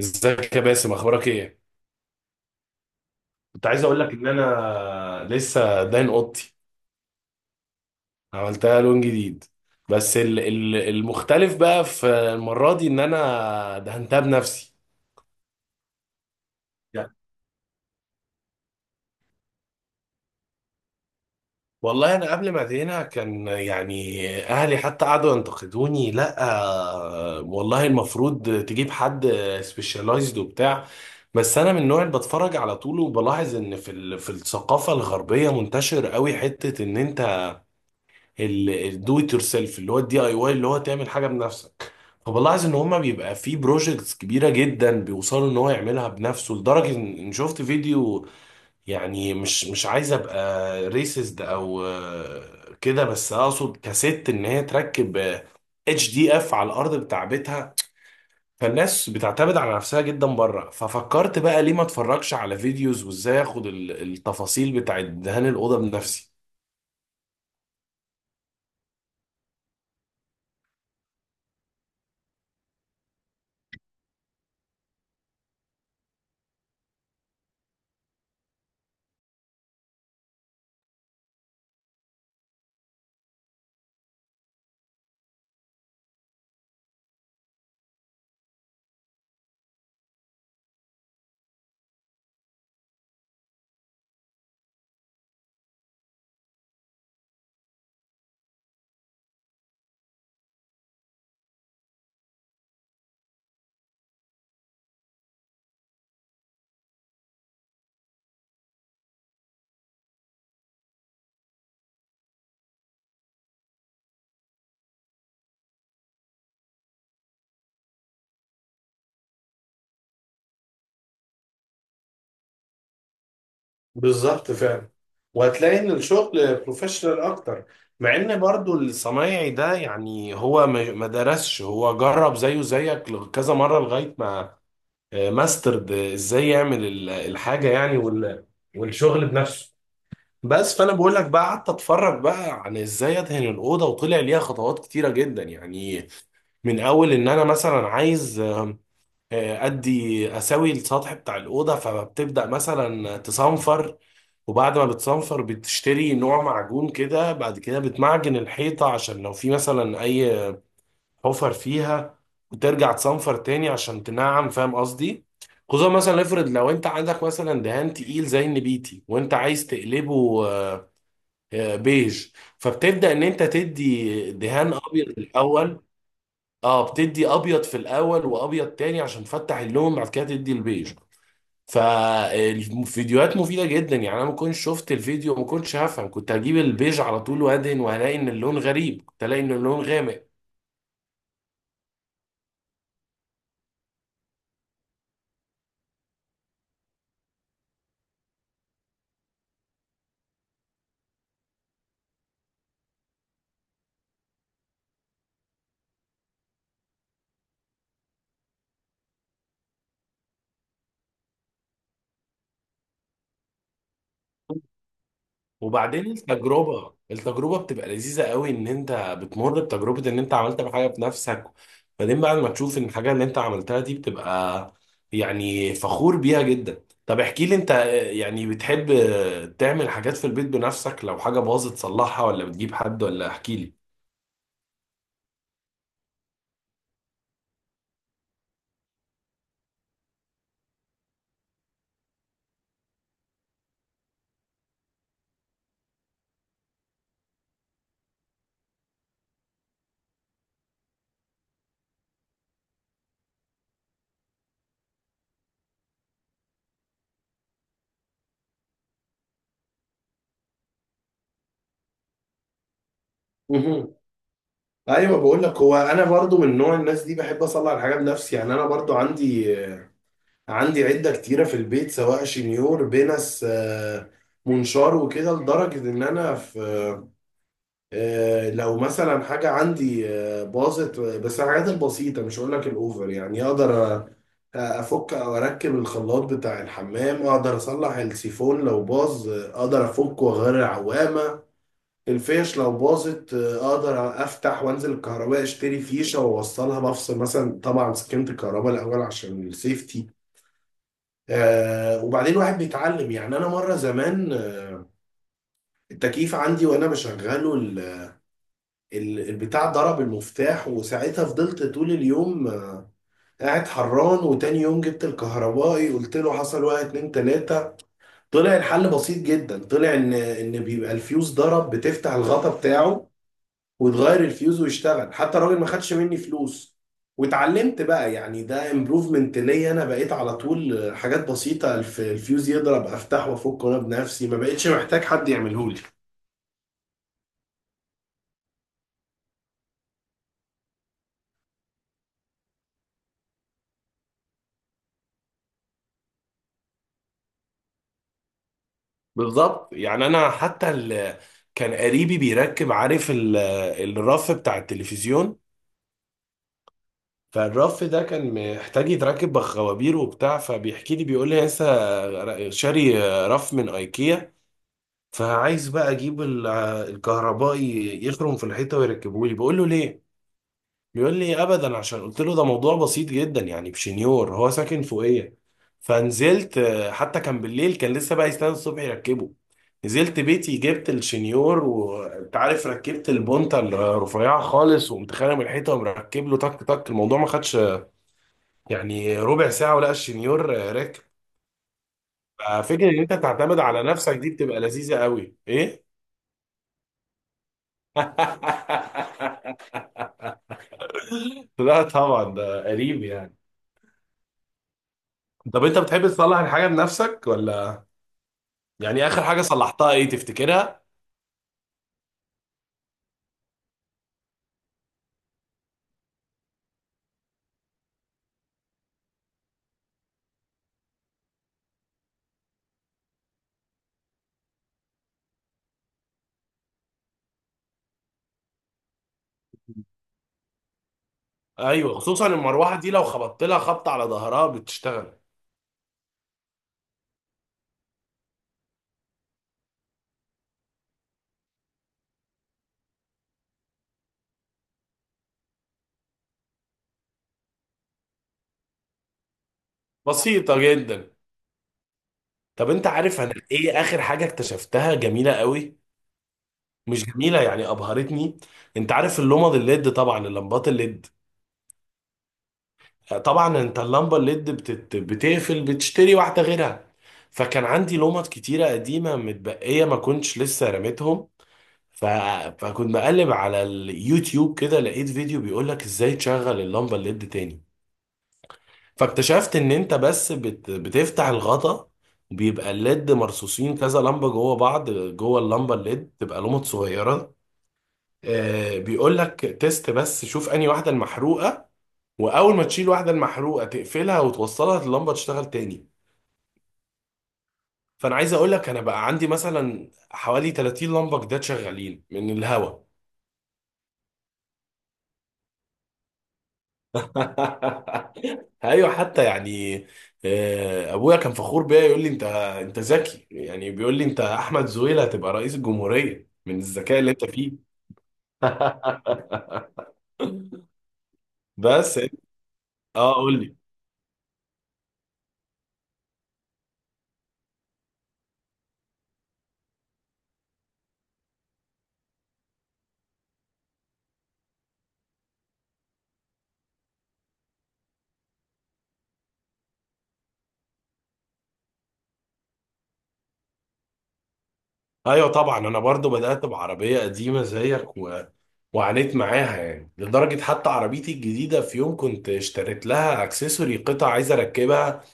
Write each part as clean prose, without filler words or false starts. ازيك يا باسم؟ اخبارك ايه؟ كنت عايز اقول لك ان انا لسه داين اوضتي. عملتها لون جديد. بس المختلف بقى في المره دي ان انا دهنتها بنفسي. يعني والله انا قبل ما ادهنها كان يعني اهلي حتى قعدوا ينتقدوني، لا. والله المفروض تجيب حد سبيشالايزد وبتاع. بس انا من النوع اللي بتفرج على طول، وبلاحظ ان في الثقافه الغربيه منتشر قوي حته ان انت الدو ات يور سيلف، اللي هو الدي اي واي، اللي هو تعمل حاجه بنفسك. فبلاحظ ان هما بيبقى في بروجكتس كبيره جدا بيوصلوا ان هو يعملها بنفسه، لدرجه ان شفت فيديو. يعني مش عايز ابقى ريسست او كده، بس اقصد كست ان هي تركب اتش دي اف على الارض بتاع بيتها. فالناس بتعتمد على نفسها جدا بره. ففكرت بقى ليه ما اتفرجش على فيديوز، وازاي اخد التفاصيل بتاعت دهان الاوضه بنفسي. بالظبط، فعلا. وهتلاقي ان الشغل بروفيشنال اكتر، مع ان برضو الصنايعي ده يعني هو ما درسش، هو جرب زيه زيك كذا مرة لغاية ما ماسترد ازاي يعمل الحاجة يعني والشغل بنفسه. بس فانا بقول لك بقى، قعدت اتفرج بقى عن ازاي ادهن الاوضه، وطلع ليها خطوات كتيره جدا يعني. من اول ان انا مثلا عايز ادي اسوي السطح بتاع الاوضه، فبتبدا مثلا تصنفر. وبعد ما بتصنفر بتشتري نوع معجون كده، بعد كده بتمعجن الحيطة عشان لو في مثلا أي حفر فيها، وترجع تصنفر تاني عشان تنعم، فاهم قصدي؟ خصوصا مثلا افرض لو انت عندك مثلا دهان تقيل زي النبيتي وانت عايز تقلبه بيج. فبتبدأ ان انت تدي دهان ابيض الاول. اه، بتدي ابيض في الاول، وابيض تاني عشان تفتح اللون، بعد كده تدي البيج. فالفيديوهات مفيدة جدا. يعني انا ما كنتش شفت الفيديو، ما كنتش هفهم، كنت هجيب البيج على طول وادهن وهلاقي ان اللون غريب، كنت الاقي ان اللون غامق. وبعدين التجربة بتبقى لذيذة قوي، ان انت بتمر بتجربة ان انت عملت حاجة بنفسك. بعدين بعد ما تشوف ان الحاجة اللي انت عملتها دي، بتبقى يعني فخور بيها جدا. طب احكي لي انت، يعني بتحب تعمل حاجات في البيت بنفسك؟ لو حاجة باظت تصلحها ولا بتجيب حد؟ ولا احكي لي. ايوه، بقول لك هو انا برضو من نوع الناس دي، بحب اصلح الحاجه بنفسي. يعني انا برضو عندي عده كتيره في البيت، سواء شنيور، بنس، منشار وكده، لدرجه ان انا في لو مثلا حاجه عندي باظت، بس الحاجات البسيطه، مش هقول لك الاوفر، يعني اقدر افك او اركب الخلاط بتاع الحمام. اقدر اصلح السيفون لو باظ، اقدر افكه واغير العوامه. الفيش لو باظت، اقدر افتح وانزل الكهرباء، اشتري فيشه واوصلها بفصل مثلا، طبعا سكنت الكهرباء الاول عشان السيفتي. وبعدين واحد بيتعلم، يعني انا مره زمان التكييف عندي وانا بشغله البتاع ضرب المفتاح، وساعتها فضلت طول اليوم قاعد حران. وتاني يوم جبت الكهربائي، قلت له حصل واحد اتنين تلاته. طلع الحل بسيط جدا، طلع ان بيبقى الفيوز ضرب، بتفتح الغطا بتاعه وتغير الفيوز ويشتغل. حتى الراجل ما خدش مني فلوس. واتعلمت بقى، يعني ده امبروفمنت ليا. انا بقيت على طول حاجات بسيطة، الفيوز يضرب افتح وافك انا بنفسي، ما بقتش محتاج حد يعمله لي. بالظبط، يعني انا حتى كان قريبي بيركب، عارف الرف بتاع التلفزيون. فالرف ده كان محتاج يتركب بخوابير وبتاع، فبيحكي لي بيقول لي لسه شاري رف من ايكيا. فعايز بقى اجيب الكهربائي يخرم في الحيطه ويركبه لي، بقول له ليه؟ بيقول لي ابدا، عشان قلت له ده موضوع بسيط جدا يعني بشنيور، هو ساكن فوقيه. فنزلت، حتى كان بالليل، كان لسه بقى يستنى الصبح يركبه. نزلت بيتي، جبت الشنيور، وانت عارف ركبت البونتا الرفيعه خالص، وقمت خارم الحيطه ومركب له تك تك. الموضوع ما خدش يعني ربع ساعه ولا الشنيور راكب. ففكره ان انت تعتمد على نفسك دي بتبقى لذيذه قوي، ايه. لا طبعا، ده قريب يعني. طب انت بتحب تصلح الحاجه بنفسك ولا؟ يعني اخر حاجه صلحتها ايه تفتكرها؟ ايوه، خصوصا المروحه دي لو خبطت لها خبطه على ظهرها بتشتغل. بسيطه جدا. طب انت عارف انا ايه اخر حاجه اكتشفتها جميله قوي؟ مش جميله، يعني ابهرتني. انت عارف اللمض الليد، طبعا اللمبات الليد. طبعا انت اللمبه الليد بتقفل، بتشتري واحده غيرها. فكان عندي لمض كتيره قديمه متبقيه، ما كنتش لسه رميتهم. ف... فكنت بقلب على اليوتيوب كده، لقيت فيديو بيقول لك ازاي تشغل اللمبه الليد تاني. فاكتشفت ان انت بس بتفتح الغطا، بيبقى الليد مرصوصين كذا لمبه جوه بعض، جوه اللمبه الليد تبقى لمبة صغيره. بيقول لك تيست بس، شوف انهي واحده المحروقه. واول ما تشيل واحده المحروقه تقفلها وتوصلها، اللمبه تشتغل تاني. فانا عايز اقول لك انا بقى عندي مثلا حوالي 30 لمبه جداد شغالين من الهوا. ايوه، حتى يعني ابويا كان فخور بيا يقول لي انت ذكي، يعني بيقول لي انت احمد زويل، هتبقى رئيس الجمهوريه من الذكاء اللي انت فيه. بس. اه قول لي. ايوه طبعا، انا برضو بدات بعربيه قديمه زيك وعانيت معاها يعني. لدرجه حتى عربيتي الجديده في يوم كنت اشتريت لها اكسسوري قطع عايز اركبها.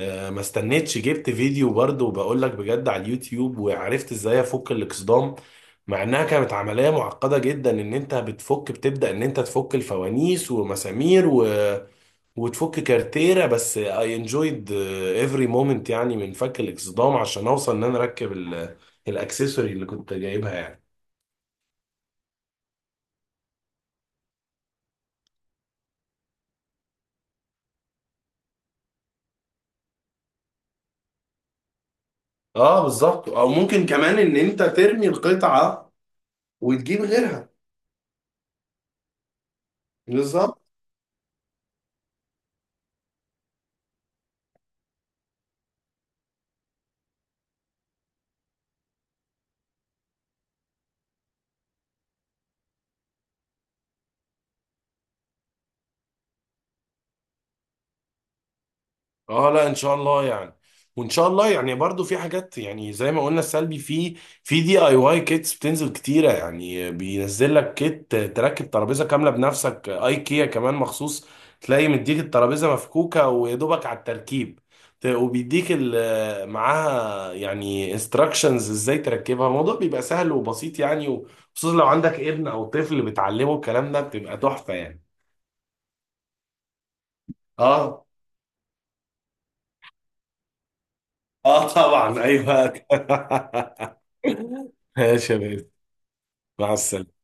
ما استنيتش، جبت فيديو برضه، وبقول لك بجد على اليوتيوب، وعرفت ازاي افك الاكسدام. مع انها كانت عملية معقدة جدا، ان انت بتفك، بتبدأ ان انت تفك الفوانيس ومسامير وتفك كارتيرة. بس I enjoyed every moment، يعني من فك الاكسدام عشان اوصل ان انا اركب الاكسسوري اللي كنت جايبها يعني. اه بالظبط، او ممكن كمان ان انت ترمي القطعة وتجيب غيرها. بالظبط. اه، لا ان شاء الله يعني. وان شاء الله يعني برضو في حاجات يعني زي ما قلنا السلبي في دي اي واي كيتس بتنزل كتيره، يعني بينزل لك كيت تركب ترابيزه كامله بنفسك، ايكيا كمان مخصوص تلاقي مديك الترابيزه مفكوكه ويا دوبك على التركيب. وبيديك معاها يعني انستراكشنز ازاي تركبها، الموضوع بيبقى سهل وبسيط يعني، وخصوصا لو عندك ابن او طفل بتعلمه الكلام ده بتبقى تحفه يعني. اه. اه طبعا، ايوه. ماشي يا بيه. مع السلامة.